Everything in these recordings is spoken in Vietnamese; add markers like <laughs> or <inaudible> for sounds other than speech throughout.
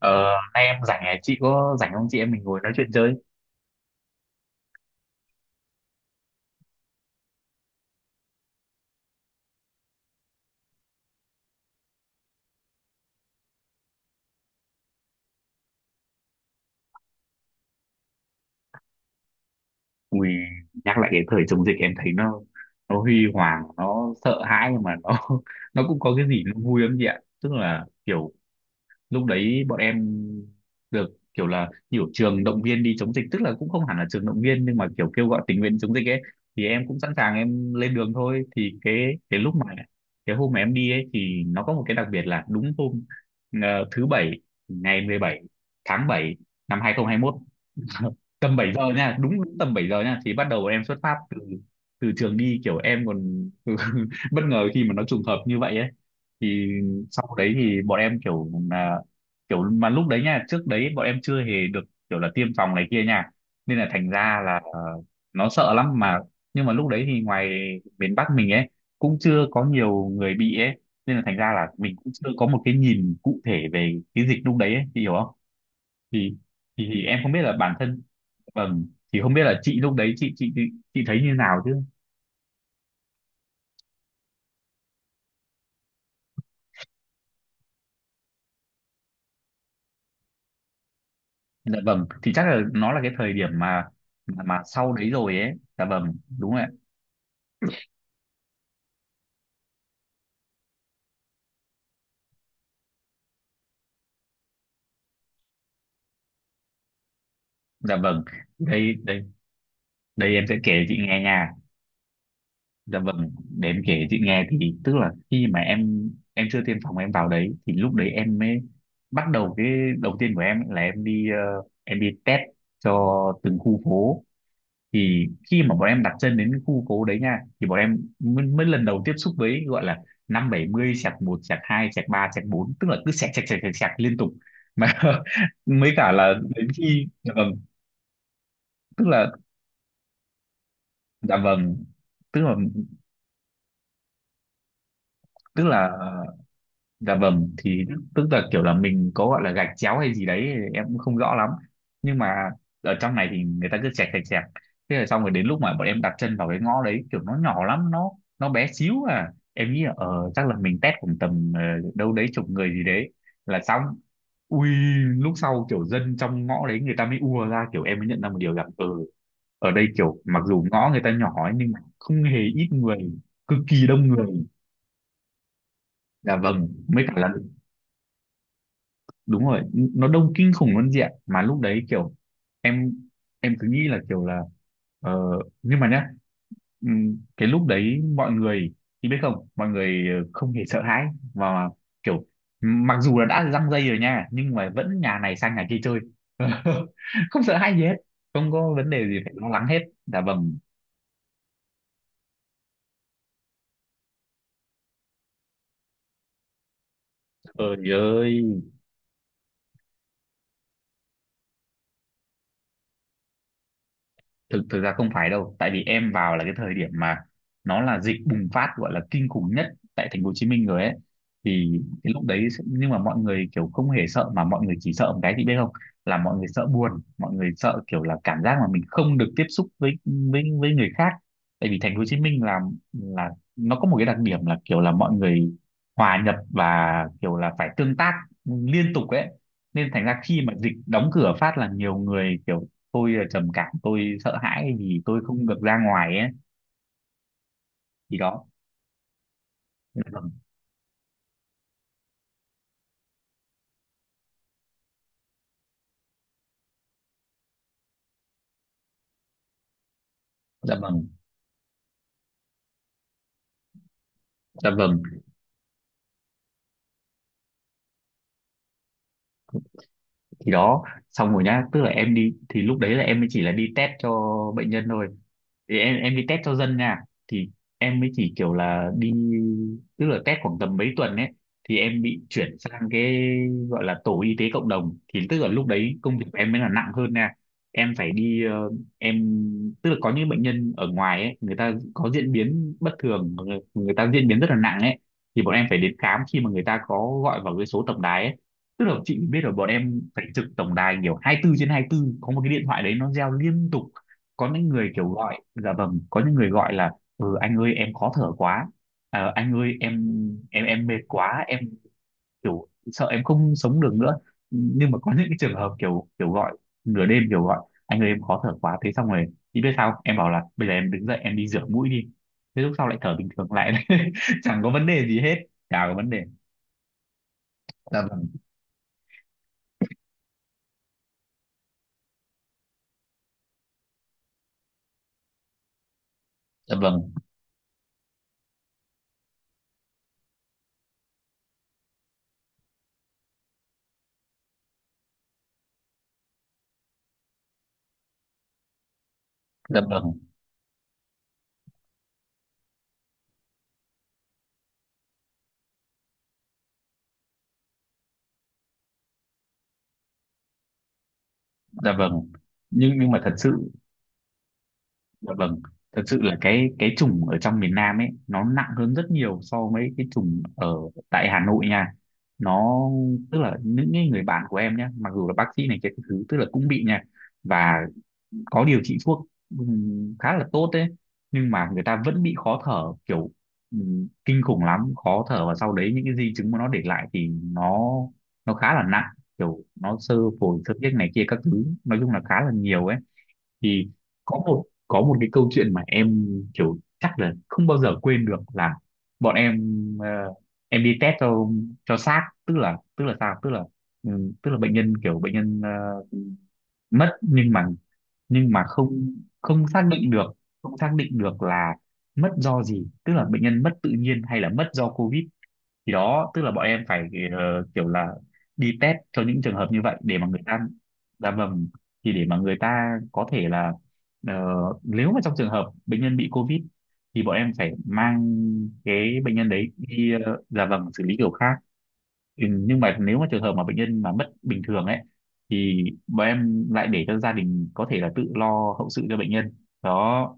Ờ, Nay em rảnh à? Chị có rảnh không, chị em mình ngồi nói chuyện chơi? Ui, nhắc lại cái thời chống dịch em thấy nó huy hoàng, nó sợ hãi nhưng mà nó <laughs> nó cũng có cái gì nó vui lắm chị ạ. Tức là kiểu lúc đấy bọn em được kiểu là nhiều trường động viên đi chống dịch, tức là cũng không hẳn là trường động viên nhưng mà kiểu kêu gọi tình nguyện chống dịch ấy, thì em cũng sẵn sàng em lên đường thôi, thì cái lúc mà cái hôm mà em đi ấy thì nó có một cái đặc biệt là đúng hôm thứ bảy, ngày 17 tháng 7 năm 2021. <laughs> Tầm 7 giờ nha, đúng tầm 7 giờ nha, thì bắt đầu bọn em xuất phát từ từ trường đi, kiểu em còn <laughs> bất ngờ khi mà nó trùng hợp như vậy ấy. Thì sau đấy thì bọn em kiểu là kiểu mà lúc đấy nha, trước đấy bọn em chưa hề được kiểu là tiêm phòng này kia nha, nên là thành ra là nó sợ lắm mà. Nhưng mà lúc đấy thì ngoài miền Bắc mình ấy cũng chưa có nhiều người bị ấy, nên là thành ra là mình cũng chưa có một cái nhìn cụ thể về cái dịch lúc đấy ấy, chị hiểu không? Thì thì em không biết là bản thân, vâng, thì không biết là chị lúc đấy chị thấy như nào chứ. Dạ vâng, thì chắc là nó là cái thời điểm mà mà sau đấy rồi ấy. Dạ vâng, đúng rồi ạ. Dạ vâng, đây đây đây em sẽ kể chị nghe nha. Dạ vâng, để em kể chị nghe, thì tức là khi mà em chưa tiêm phòng em vào đấy thì lúc đấy em mới bắt đầu cái đầu tiên của em là em đi, em đi test cho từng khu phố. Thì khi mà bọn em đặt chân đến cái khu phố đấy nha thì bọn em mới lần đầu tiếp xúc với gọi là năm bảy mươi sạc một sạc hai sạc ba sạc bốn, tức là cứ sạc sạc sạc sạc sạc liên tục mà <laughs> mới cả là đến khi, dạ vâng, tức là, dạ vâng, tức là, tức là, dạ vâng, thì tức là kiểu là mình có gọi là gạch chéo hay gì đấy thì em cũng không rõ lắm. Nhưng mà ở trong này thì người ta cứ chẹt chẹt chẹt, thế là xong. Rồi đến lúc mà bọn em đặt chân vào cái ngõ đấy kiểu nó nhỏ lắm, nó bé xíu à. Em nghĩ là ờ chắc là mình test khoảng tầm đâu đấy chục người gì đấy là xong. Ui, lúc sau kiểu dân trong ngõ đấy người ta mới ùa ra, kiểu em mới nhận ra một điều rằng ờ ở đây kiểu mặc dù ngõ người ta nhỏ ấy, nhưng mà không hề ít người, cực kỳ đông người. Dạ vâng, mới cả là đúng rồi, nó đông kinh khủng luôn chị ạ. Mà lúc đấy kiểu em em cứ nghĩ là kiểu là ờ, nhưng mà nhá, cái lúc đấy mọi người, thì biết không, mọi người không hề sợ hãi mà kiểu mặc dù là đã răng dây rồi nha nhưng mà vẫn nhà này sang nhà kia chơi. <laughs> Không sợ hãi gì hết, không có vấn đề gì phải lo lắng hết. Dạ vâng, trời ơi, thực thực ra không phải đâu, tại vì em vào là cái thời điểm mà nó là dịch bùng phát gọi là kinh khủng nhất tại thành phố Hồ Chí Minh rồi ấy. Thì cái lúc đấy sẽ- nhưng mà mọi người kiểu không hề sợ, mà mọi người chỉ sợ một cái, chị biết không, là mọi người sợ buồn, mọi người sợ kiểu là cảm giác mà mình không được tiếp xúc với với người khác. Tại vì thành phố Hồ Chí Minh là nó có một cái đặc điểm là kiểu là mọi người hòa nhập và kiểu là phải tương tác liên tục ấy, nên thành ra khi mà dịch đóng cửa phát là nhiều người kiểu tôi là trầm cảm, tôi sợ hãi vì tôi không được ra ngoài ấy. Thì đó, dạ vâng, dạ vâng, dạ vâng, thì đó. Xong rồi nhá, tức là em đi thì lúc đấy là em mới chỉ là đi test cho bệnh nhân thôi, thì em đi test cho dân nha. Thì em mới chỉ kiểu là đi, tức là test khoảng tầm mấy tuần ấy, thì em bị chuyển sang cái gọi là tổ y tế cộng đồng. Thì tức là lúc đấy công việc của em mới là nặng hơn nha, em phải đi, em tức là có những bệnh nhân ở ngoài ấy người ta có diễn biến bất thường, người ta diễn biến rất là nặng ấy, thì bọn em phải đến khám khi mà người ta có gọi vào cái số tổng đài ấy. Tức là chị biết rồi, bọn em phải trực tổng đài kiểu 24 trên 24, có một cái điện thoại đấy nó reo liên tục. Có những người kiểu gọi, dạ vâng, có những người gọi là ừ anh ơi em khó thở quá. Anh ơi em mệt quá, em kiểu sợ em không sống được nữa. Nhưng mà có những cái trường hợp kiểu kiểu gọi nửa đêm, kiểu gọi anh ơi em khó thở quá, thế xong rồi chị biết sao không? Em bảo là bây giờ em đứng dậy em đi rửa mũi đi, thế lúc sau lại thở bình thường lại. <laughs> Chẳng có vấn đề gì hết, chả có vấn đề. Dạ vâng, dạ vâng, dạ vâng, dạ vâng, nhưng mà thật sự. Dạ vâng, thật sự là cái chủng ở trong miền Nam ấy nó nặng hơn rất nhiều so với cái chủng ở tại Hà Nội nha. Nó tức là những cái người bạn của em nhé, mặc dù là bác sĩ này cái thứ, tức là cũng bị nha, và có điều trị thuốc khá là tốt đấy, nhưng mà người ta vẫn bị khó thở, kiểu kinh khủng lắm, khó thở, và sau đấy những cái di chứng mà nó để lại thì nó khá là nặng, kiểu nó sơ phổi xơ tiết này kia các thứ, nói chung là khá là nhiều ấy. Thì có một cái câu chuyện mà em kiểu chắc là không bao giờ quên được là bọn em, ờ, em đi test cho xác, tức là tức là bệnh nhân, kiểu bệnh nhân mất nhưng mà không không xác định được, không xác định được là mất do gì, tức là bệnh nhân mất tự nhiên hay là mất do covid. Thì đó, tức là bọn em phải, kiểu là đi test cho những trường hợp như vậy để mà người ta, dạ vâng, thì để mà người ta có thể là, ờ, nếu mà trong trường hợp bệnh nhân bị covid thì bọn em phải mang cái bệnh nhân đấy đi, dạ vâng, xử lý kiểu khác. Ừ, nhưng mà nếu mà trường hợp mà bệnh nhân mà mất bình thường ấy thì bọn em lại để cho gia đình có thể là tự lo hậu sự cho bệnh nhân. Đó,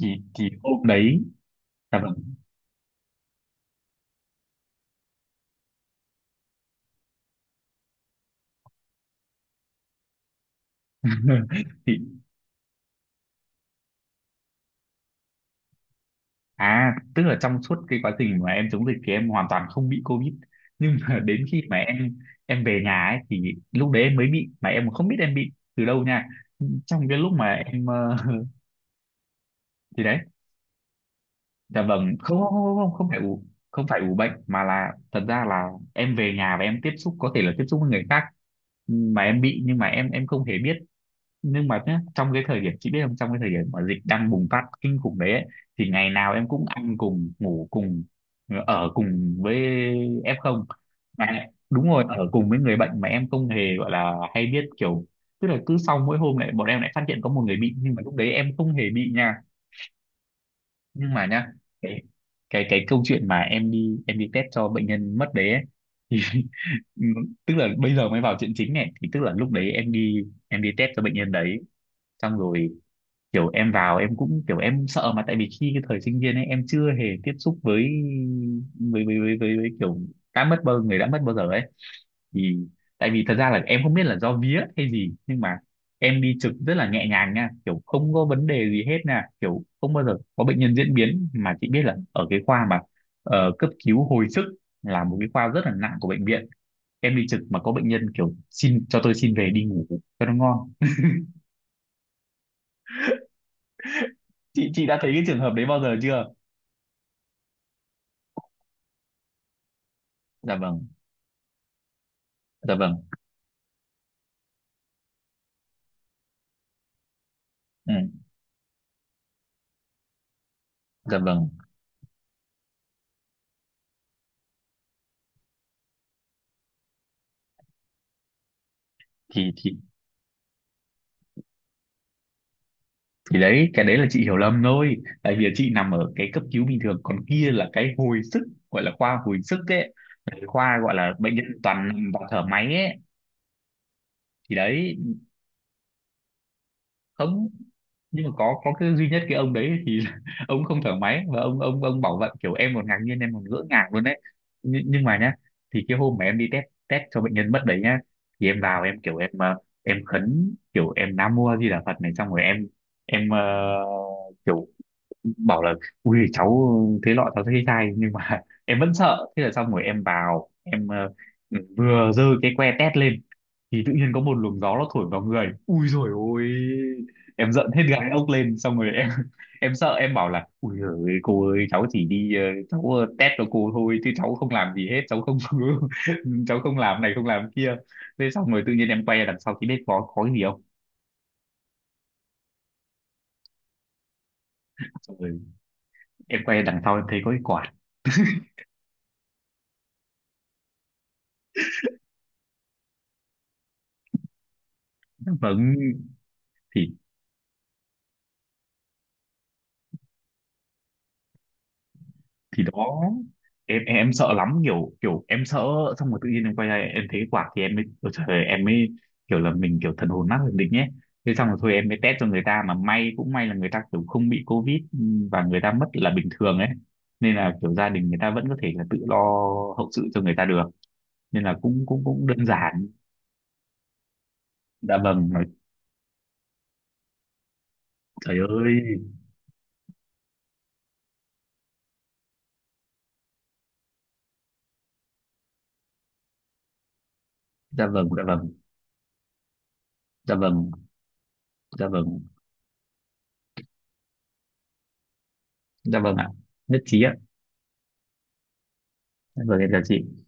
thì hôm đấy, dạ vâng, <laughs> thì à, tức là trong suốt cái quá trình mà em chống dịch thì em hoàn toàn không bị COVID. Nhưng mà <laughs> đến khi mà em về nhà ấy thì lúc đấy em mới bị mà em không biết em bị từ đâu nha. Trong cái lúc mà em <laughs> thì đấy, dạ vâng, không không không không không phải ủ không phải ủ bệnh mà là thật ra là em về nhà và em tiếp xúc có thể là tiếp xúc với người khác mà em bị nhưng mà em không hề biết. Nhưng mà nhá, trong cái thời điểm chị biết không, trong cái thời điểm mà dịch đang bùng phát kinh khủng đấy ấy, thì ngày nào em cũng ăn cùng, ngủ cùng, ở cùng với F0. Mà đúng rồi, ở cùng với người bệnh mà em không hề gọi là hay biết, kiểu tức là cứ sau mỗi hôm lại bọn em lại phát hiện có một người bị, nhưng mà lúc đấy em không hề bị nha. Nhưng mà nhá, cái cái câu chuyện mà em đi test cho bệnh nhân mất đấy ấy, thì <laughs> tức là bây giờ mới vào chuyện chính này. Thì tức là lúc đấy em đi test cho bệnh nhân đấy, xong rồi kiểu em vào em cũng kiểu em sợ. Mà tại vì khi cái thời sinh viên ấy em chưa hề tiếp xúc với với kiểu đã mất, bao người đã mất bao giờ ấy. Thì tại vì thật ra là em không biết là do vía hay gì, nhưng mà em đi trực rất là nhẹ nhàng nha, kiểu không có vấn đề gì hết nha, kiểu không bao giờ có bệnh nhân diễn biến. Mà chị biết là ở cái khoa mà cấp cứu hồi sức là một cái khoa rất là nặng của bệnh viện, em đi trực mà có bệnh nhân kiểu xin cho tôi xin về đi ngủ cho nó ngon. Chị đã thấy cái trường hợp đấy bao giờ chưa? Dạ vâng, dạ vâng, ừ, dạ vâng. Thì thì thì đấy, cái đấy là chị hiểu lầm thôi, tại vì chị nằm ở cái cấp cứu bình thường, còn kia là cái hồi sức, gọi là khoa hồi sức ấy. Là cái khoa gọi là bệnh nhân toàn nằm và thở máy ấy. Thì đấy, không, nhưng mà có cái duy nhất cái ông đấy thì <laughs> ông không thở máy và ông bảo vậy, kiểu em còn ngạc nhiên, em còn ngỡ ngàng luôn đấy. Nhưng mà nhá, thì cái hôm mà em đi test test cho bệnh nhân mất đấy nhá, thì em vào em kiểu em em khấn, kiểu em Nam Mô A Di Đà Phật này, xong rồi em kiểu bảo là ui cháu thế lọ, cháu thấy sai, nhưng mà <laughs> em vẫn sợ. Thế là xong rồi em vào em vừa giơ cái que test lên thì tự nhiên có một luồng gió nó thổi vào người, ui rồi ôi, em giận hết gáy ốc lên, xong rồi em <laughs> em sợ, em bảo là ui giời cô ơi, cháu chỉ đi cháu test cho cô thôi chứ cháu không làm gì hết, cháu không <laughs> cháu không làm này không làm kia. Thế xong rồi tự nhiên em quay ra đằng sau thì biết có cái gì không? Xong rồi em quay ra đằng sau em thấy có cái quạt. Nó vâng, thì thì đó, em sợ lắm, kiểu kiểu em sợ. Xong rồi tự nhiên em quay lại em thấy cái quạt thì em mới ôi trời ơi, em mới kiểu là mình kiểu thần hồn nát thần định nhé. Thế xong rồi thôi em mới test cho người ta, mà may cũng may là người ta kiểu không bị covid, ừ, và người ta mất là bình thường ấy, nên là kiểu gia đình người ta vẫn có thể là tự lo hậu sự cho người ta được, nên là cũng cũng cũng đơn giản. Dạ vâng nói, trời ơi, dạ vâng, dạ vâng, dạ vâng, dạ vâng, dạ vâng ạ. Nhất trí ạ. Dạ vâng, em chào chị.